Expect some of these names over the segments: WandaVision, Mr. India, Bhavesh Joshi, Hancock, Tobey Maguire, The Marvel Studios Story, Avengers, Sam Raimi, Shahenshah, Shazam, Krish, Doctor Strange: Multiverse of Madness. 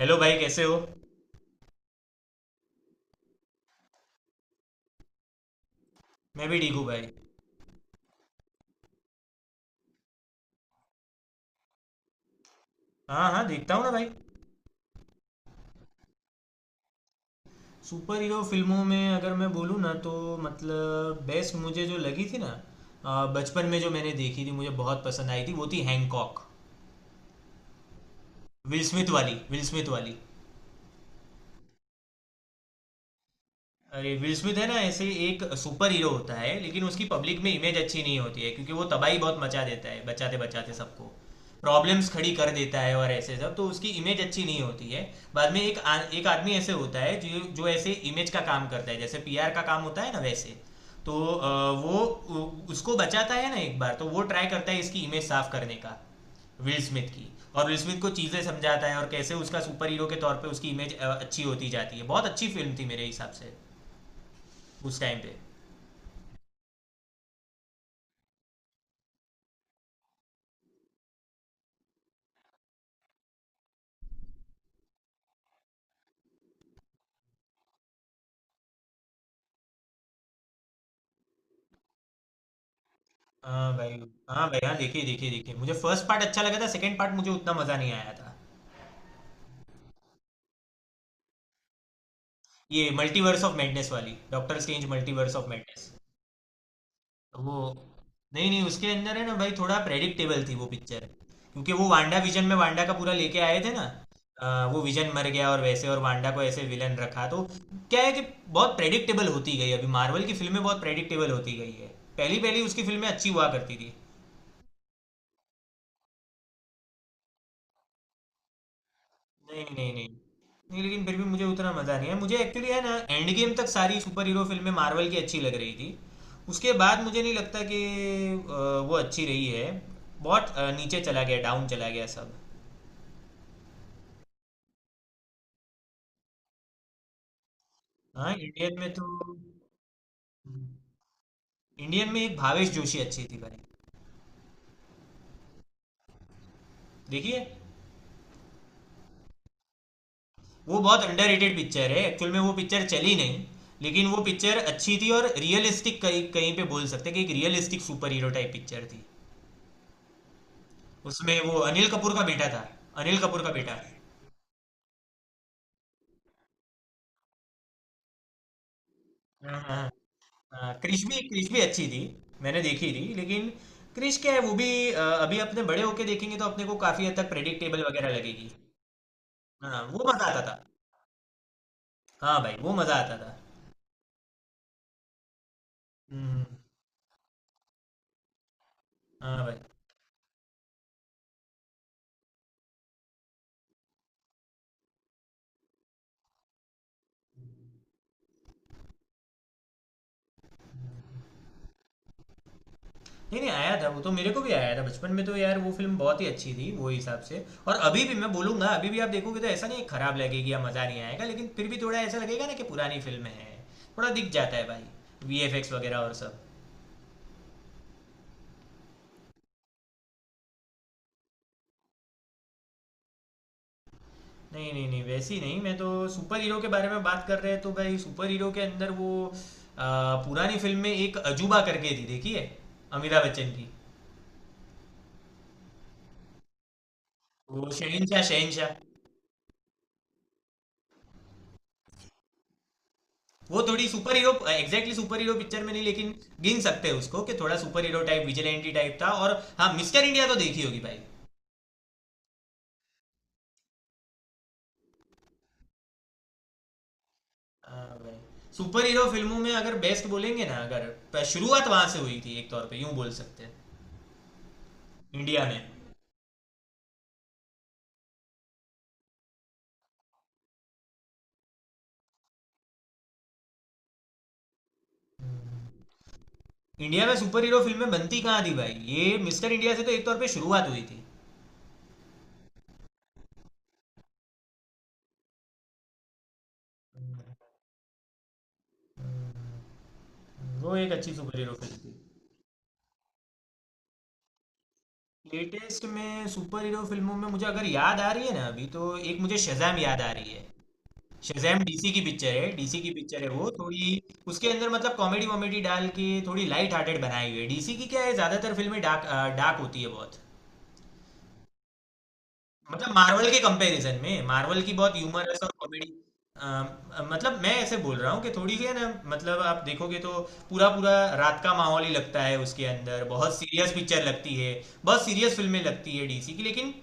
Hello भाई कैसे हो। मैं भी ठीक हूँ भाई। हाँ हाँ देखता हूँ ना भाई। सुपर हीरो फिल्मों में अगर मैं बोलूँ ना तो मतलब बेस्ट मुझे जो लगी थी ना बचपन में जो मैंने देखी थी मुझे बहुत पसंद आई थी वो थी हैंकॉक। विल स्मिथ वाली विल स्मिथ वाली। अरे विल स्मिथ है ना, ऐसे एक सुपर हीरो होता है लेकिन उसकी पब्लिक में इमेज अच्छी नहीं होती है क्योंकि वो तबाही बहुत मचा देता है बचाते बचाते सबको। प्रॉब्लम्स खड़ी कर देता है और ऐसे सब, तो उसकी इमेज अच्छी नहीं होती है। बाद में एक एक आदमी ऐसे होता है जो जो ऐसे इमेज का काम करता है, जैसे पीआर का काम होता है ना वैसे। तो वो उसको बचाता है ना एक बार, तो वो ट्राई करता है इसकी इमेज साफ करने का। विल स्मिथ की। और विल स्मिथ को चीज़ें समझाता है और कैसे उसका सुपर हीरो के तौर पे उसकी इमेज अच्छी होती जाती है। बहुत अच्छी फिल्म थी मेरे हिसाब से उस टाइम पे। हाँ भाई। हाँ भाई हाँ, देखिए देखिए देखिए, मुझे फर्स्ट पार्ट अच्छा लगा था, सेकंड पार्ट मुझे उतना मजा नहीं आया था। ये मल्टीवर्स ऑफ मैडनेस वाली, Doctor Strange Multiverse of Madness. तो वो, नहीं नहीं, उसके अंदर है ना भाई थोड़ा प्रेडिक्टेबल थी वो पिक्चर। क्योंकि वो वांडा विजन में वांडा का पूरा लेके आए थे ना। वो विजन मर गया और वैसे और वांडा को ऐसे विलन रखा तो क्या है कि बहुत प्रेडिक्टेबल होती गई। अभी मार्वल की फिल्में बहुत प्रेडिक्टेबल होती गई है। पहली पहली उसकी फिल्में अच्छी हुआ करती थी। नहीं नहीं नहीं। नहीं लेकिन फिर भी मुझे उतना मज़ा नहीं है। मुझे एक्चुअली है ना एंड गेम तक सारी सुपर हीरो फिल्में मार्वल की अच्छी लग रही थी। उसके बाद मुझे नहीं लगता कि वो अच्छी रही है। बहुत नीचे चला गया, डाउन चला गया सब। हाँ इंडियन में तो, इंडियन में एक भावेश जोशी अच्छी थी भाई। देखिए, वो बहुत अंडररेटेड पिक्चर है, एक्चुअल में वो पिक्चर चली नहीं लेकिन वो पिक्चर अच्छी थी और रियलिस्टिक कहीं कहीं पे बोल सकते हैं कि एक realistic superhero type picture थी। उसमें वो अनिल कपूर का बेटा था। अनिल कपूर का बेटा। हाँ हाँ। हाँ क्रिश भी, क्रिश भी अच्छी थी। मैंने देखी थी लेकिन क्रिश क्या है वो भी अभी अपने बड़े होके देखेंगे तो अपने को काफी हद तक प्रेडिक्टेबल वगैरह लगेगी। हाँ वो मजा आता था। हाँ भाई वो मजा आता था। हम्म। हाँ भाई। नहीं नहीं, आया था वो तो मेरे को भी आया था बचपन में, तो यार वो फिल्म बहुत ही अच्छी थी वो हिसाब से। और अभी भी मैं बोलूंगा अभी भी आप देखोगे तो ऐसा नहीं, खराब लगेगी या मजा नहीं आएगा, लेकिन फिर भी थोड़ा ऐसा लगेगा ना कि पुरानी फिल्म है। थोड़ा दिख जाता है भाई, वीएफएक्स वगैरह और सब। नहीं नहीं नहीं, वैसी नहीं, मैं तो सुपर हीरो के बारे में बात कर रहे हैं, तो भाई सुपर हीरो के अंदर वो पुरानी फिल्म में एक अजूबा करके थी, देखी है? अमिताभ बच्चन की। वो शहनशाह, शहनशाह। वो थोड़ी superhero exactly superhero picture में नहीं लेकिन गिन सकते हैं उसको कि थोड़ा superhero type vigilante type था। और हाँ, मिस्टर इंडिया तो देखी होगी भाई। हाँ भाई। सुपर हीरो फिल्मों में अगर बेस्ट बोलेंगे ना, अगर शुरुआत वहां से हुई थी एक तौर पे यूं बोल सकते हैं इंडिया में। इंडिया में सुपर हीरो फिल्में बनती कहाँ थी भाई, ये मिस्टर इंडिया से तो एक तौर पे शुरुआत हुई थी। वो एक अच्छी सुपर हीरो फिल्म थी। लेटेस्ट में सुपर हीरो फिल्मों में मुझे अगर याद आ रही है ना अभी, तो एक मुझे शज़ैम याद आ रही है। शज़ैम डीसी की पिक्चर है, डीसी की पिक्चर है। वो थोड़ी, उसके अंदर मतलब कॉमेडी वॉमेडी डाल के थोड़ी लाइट हार्टेड बनाई हुई है। डीसी की क्या है, ज़्यादातर फिल्में डार्क, डार्क होती है बहुत। मतलब मार्वल के कंपैरिजन में, मार्वल की बहुत ह्यूमरस और कॉमेडी। मतलब मैं ऐसे बोल रहा हूँ कि थोड़ी सी है ना, मतलब आप देखोगे तो पूरा पूरा रात का माहौल ही लगता है, उसके अंदर बहुत सीरियस पिक्चर लगती है। बहुत सीरियस फिल्में लगती है डीसी की, लेकिन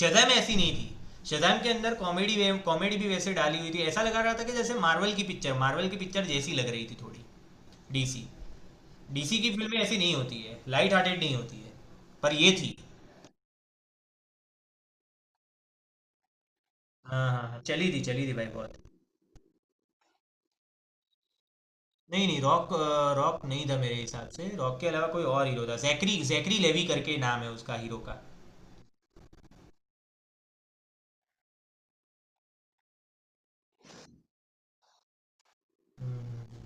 शज़ैम ऐसी नहीं थी। शज़ैम के अंदर कॉमेडी वे कॉमेडी भी वैसे डाली हुई थी, ऐसा लगा रहा था कि जैसे मार्वल की पिक्चर, मार्वल की पिक्चर जैसी लग रही थी थोड़ी। डीसी, डीसी की फिल्में ऐसी नहीं होती है, लाइट हार्टेड नहीं होती है, पर ये थी। हाँ हाँ हाँ, चली थी भाई बहुत। नहीं नहीं रॉक, रॉक नहीं था मेरे हिसाब से। रॉक के अलावा कोई और हीरो था, जैकरी, जैकरी लेवी करके नाम है उसका, हीरो का। हम्म।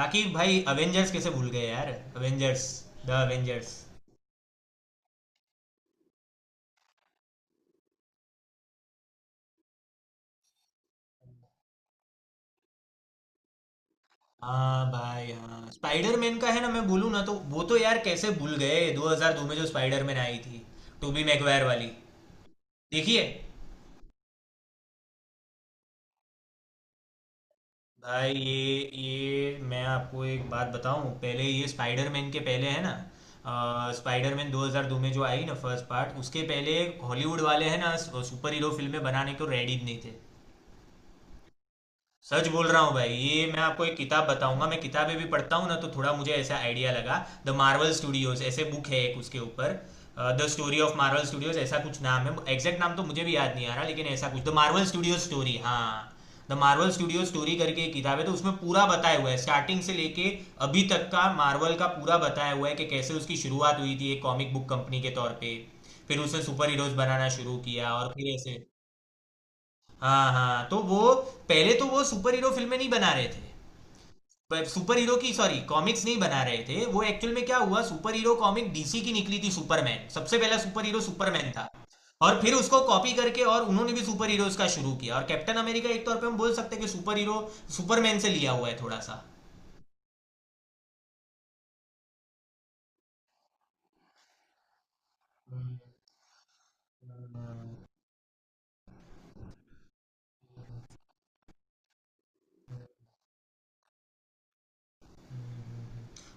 बाकी भाई अवेंजर्स कैसे भूल गए यार। Avengers, the Avengers. हाँ भाई हाँ, स्पाइडरमैन का है ना, मैं बोलूँ ना तो वो तो यार कैसे भूल गए, 2002 में जो स्पाइडरमैन आई थी, टोबी मैगवायर वाली। देखिए भाई, ये मैं आपको एक बात बताऊं, पहले ये स्पाइडरमैन के पहले है ना, स्पाइडरमैन 2002 में जो आई ना फर्स्ट पार्ट, उसके पहले हॉलीवुड वाले हैं ना सुपर हीरो फिल्में बनाने को रेडी नहीं थे। सच बोल रहा हूँ भाई। ये मैं आपको एक किताब बताऊंगा, मैं किताबें भी पढ़ता हूँ ना, तो थोड़ा मुझे ऐसा आइडिया लगा। द मार्वल स्टूडियोज ऐसे बुक है एक उसके ऊपर। The story of Marvel Studios, ऐसा कुछ नाम है, एग्जैक्ट नाम तो मुझे भी याद नहीं आ रहा, लेकिन ऐसा कुछ द मार्वल स्टूडियो स्टोरी, हाँ, द मार्वल स्टूडियो स्टोरी करके एक किताब है। तो उसमें पूरा बताया हुआ है स्टार्टिंग से लेके अभी तक का मार्वल का पूरा बताया हुआ है कि कैसे उसकी शुरुआत हुई थी एक कॉमिक बुक कंपनी के तौर पे। फिर उसने सुपर हीरोज बनाना शुरू किया और फिर ऐसे, हाँ हाँ, तो वो पहले तो वो सुपर हीरो फिल्में नहीं बना रहे थे, सुपर हीरो की, सॉरी, कॉमिक्स नहीं बना रहे थे वो। एक्चुअल में क्या हुआ, सुपर हीरो कॉमिक डीसी की निकली थी, सुपरमैन, सबसे पहला सुपर हीरो सुपरमैन था। और फिर उसको कॉपी करके और उन्होंने भी सुपर हीरोज का शुरू किया। और कैप्टन अमेरिका एक तौर पे हम बोल सकते हैं कि सुपर हीरो, सुपरमैन से लिया हुआ है थोड़ा सा।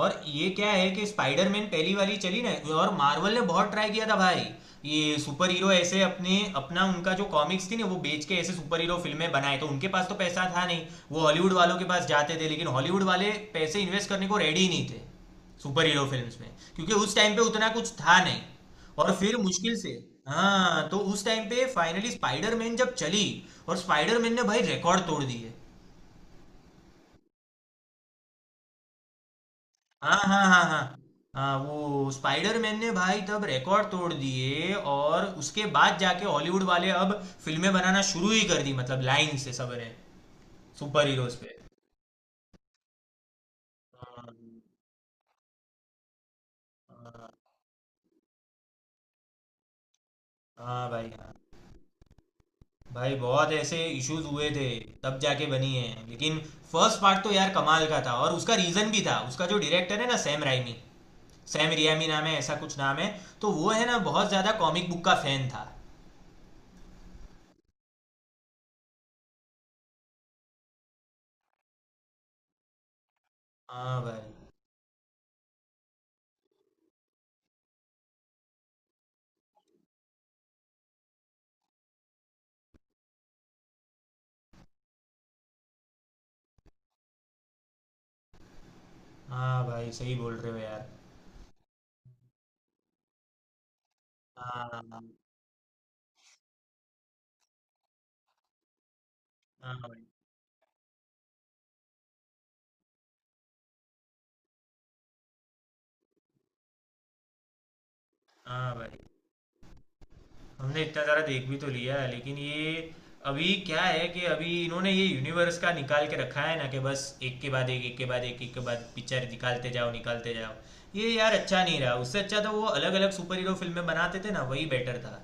और ये क्या है कि स्पाइडरमैन पहली वाली चली ना, और मार्वल ने बहुत ट्राई किया था भाई, ये सुपर हीरो ऐसे अपने, अपना उनका जो कॉमिक्स थी ना वो बेच के ऐसे सुपर हीरो फिल्में बनाए, तो उनके पास तो पैसा था नहीं। वो हॉलीवुड वालों के पास जाते थे, लेकिन हॉलीवुड वाले पैसे इन्वेस्ट करने को रेडी ही नहीं थे सुपर हीरो फिल्म में, क्योंकि उस टाइम पे उतना कुछ था नहीं। और फिर मुश्किल से, हाँ, तो उस टाइम पे फाइनली स्पाइडरमैन जब चली और स्पाइडरमैन ने भाई रिकॉर्ड तोड़ दिए। हाँ हाँ हाँ हाँ हाँ। वो स्पाइडरमैन ने भाई तब रिकॉर्ड तोड़ दिए, और उसके बाद जाके हॉलीवुड वाले अब फिल्में बनाना शुरू ही कर दी, मतलब लाइन से सब ने सुपर हीरोज पे। हाँ। हाँ भाई हाँ भाई, बहुत ऐसे इश्यूज हुए थे तब जाके बनी है। लेकिन फर्स्ट पार्ट तो यार कमाल का था, और उसका रीजन भी था, उसका जो डायरेक्टर है ना, सैम राइमी, सैम रियामी नाम है, ऐसा कुछ नाम है। तो वो है ना बहुत ज्यादा कॉमिक बुक का फैन था। हाँ भाई। हाँ भाई सही बोल रहे हो यार। हाँ। हाँ भाई। हाँ भाई, हमने इतना सारा देख भी तो लिया है, लेकिन ये, अभी क्या है कि अभी इन्होंने ये यूनिवर्स का निकाल के रखा है ना, कि बस एक के बाद एक, एक के बाद एक, एक के बाद पिक्चर निकालते जाओ निकालते जाओ। ये यार अच्छा नहीं रहा। उससे अच्छा तो वो अलग अलग सुपर हीरो फिल्में बनाते थे ना, वही बेटर था।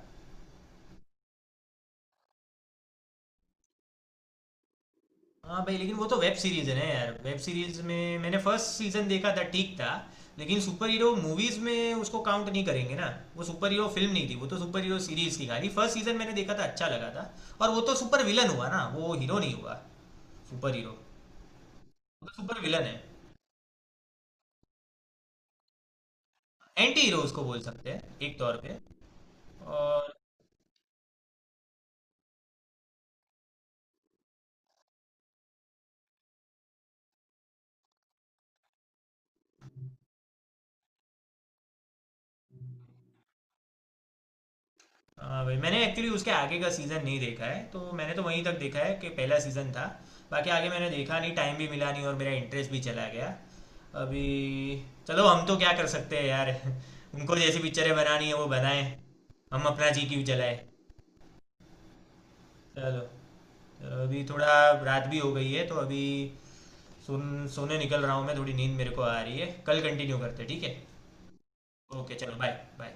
हाँ भाई, लेकिन वो तो वेब सीरीज है ना यार। वेब सीरीज में मैंने फर्स्ट सीजन देखा था, ठीक था, लेकिन सुपर हीरो मूवीज में उसको काउंट नहीं करेंगे ना। वो सुपर हीरो फिल्म नहीं थी, वो तो सुपर हीरो सीरीज थी। खाली फर्स्ट सीजन मैंने देखा था, अच्छा लगा था। और वो तो सुपर विलन हुआ ना, वो हीरो नहीं हुआ, सुपर हीरो। वो तो सुपर विलन है, एंटी हीरो उसको बोल सकते हैं एक तौर पे। और हाँ भाई, मैंने एक्चुअली उसके आगे का सीज़न नहीं देखा है, तो मैंने तो वहीं तक देखा है कि पहला सीज़न था। बाकी आगे मैंने देखा नहीं, टाइम भी मिला नहीं और मेरा इंटरेस्ट भी चला गया अभी। चलो हम तो क्या कर सकते हैं यार, उनको जैसी पिक्चरें बनानी है वो बनाए, हम अपना जी क्यों चलाए। चलो, चलो अभी थोड़ा रात भी हो गई है, तो अभी सुन, सोने निकल रहा हूँ मैं, थोड़ी नींद मेरे को आ रही है, कल कंटिन्यू करते हैं, ठीक है। ओके, चलो बाय बाय।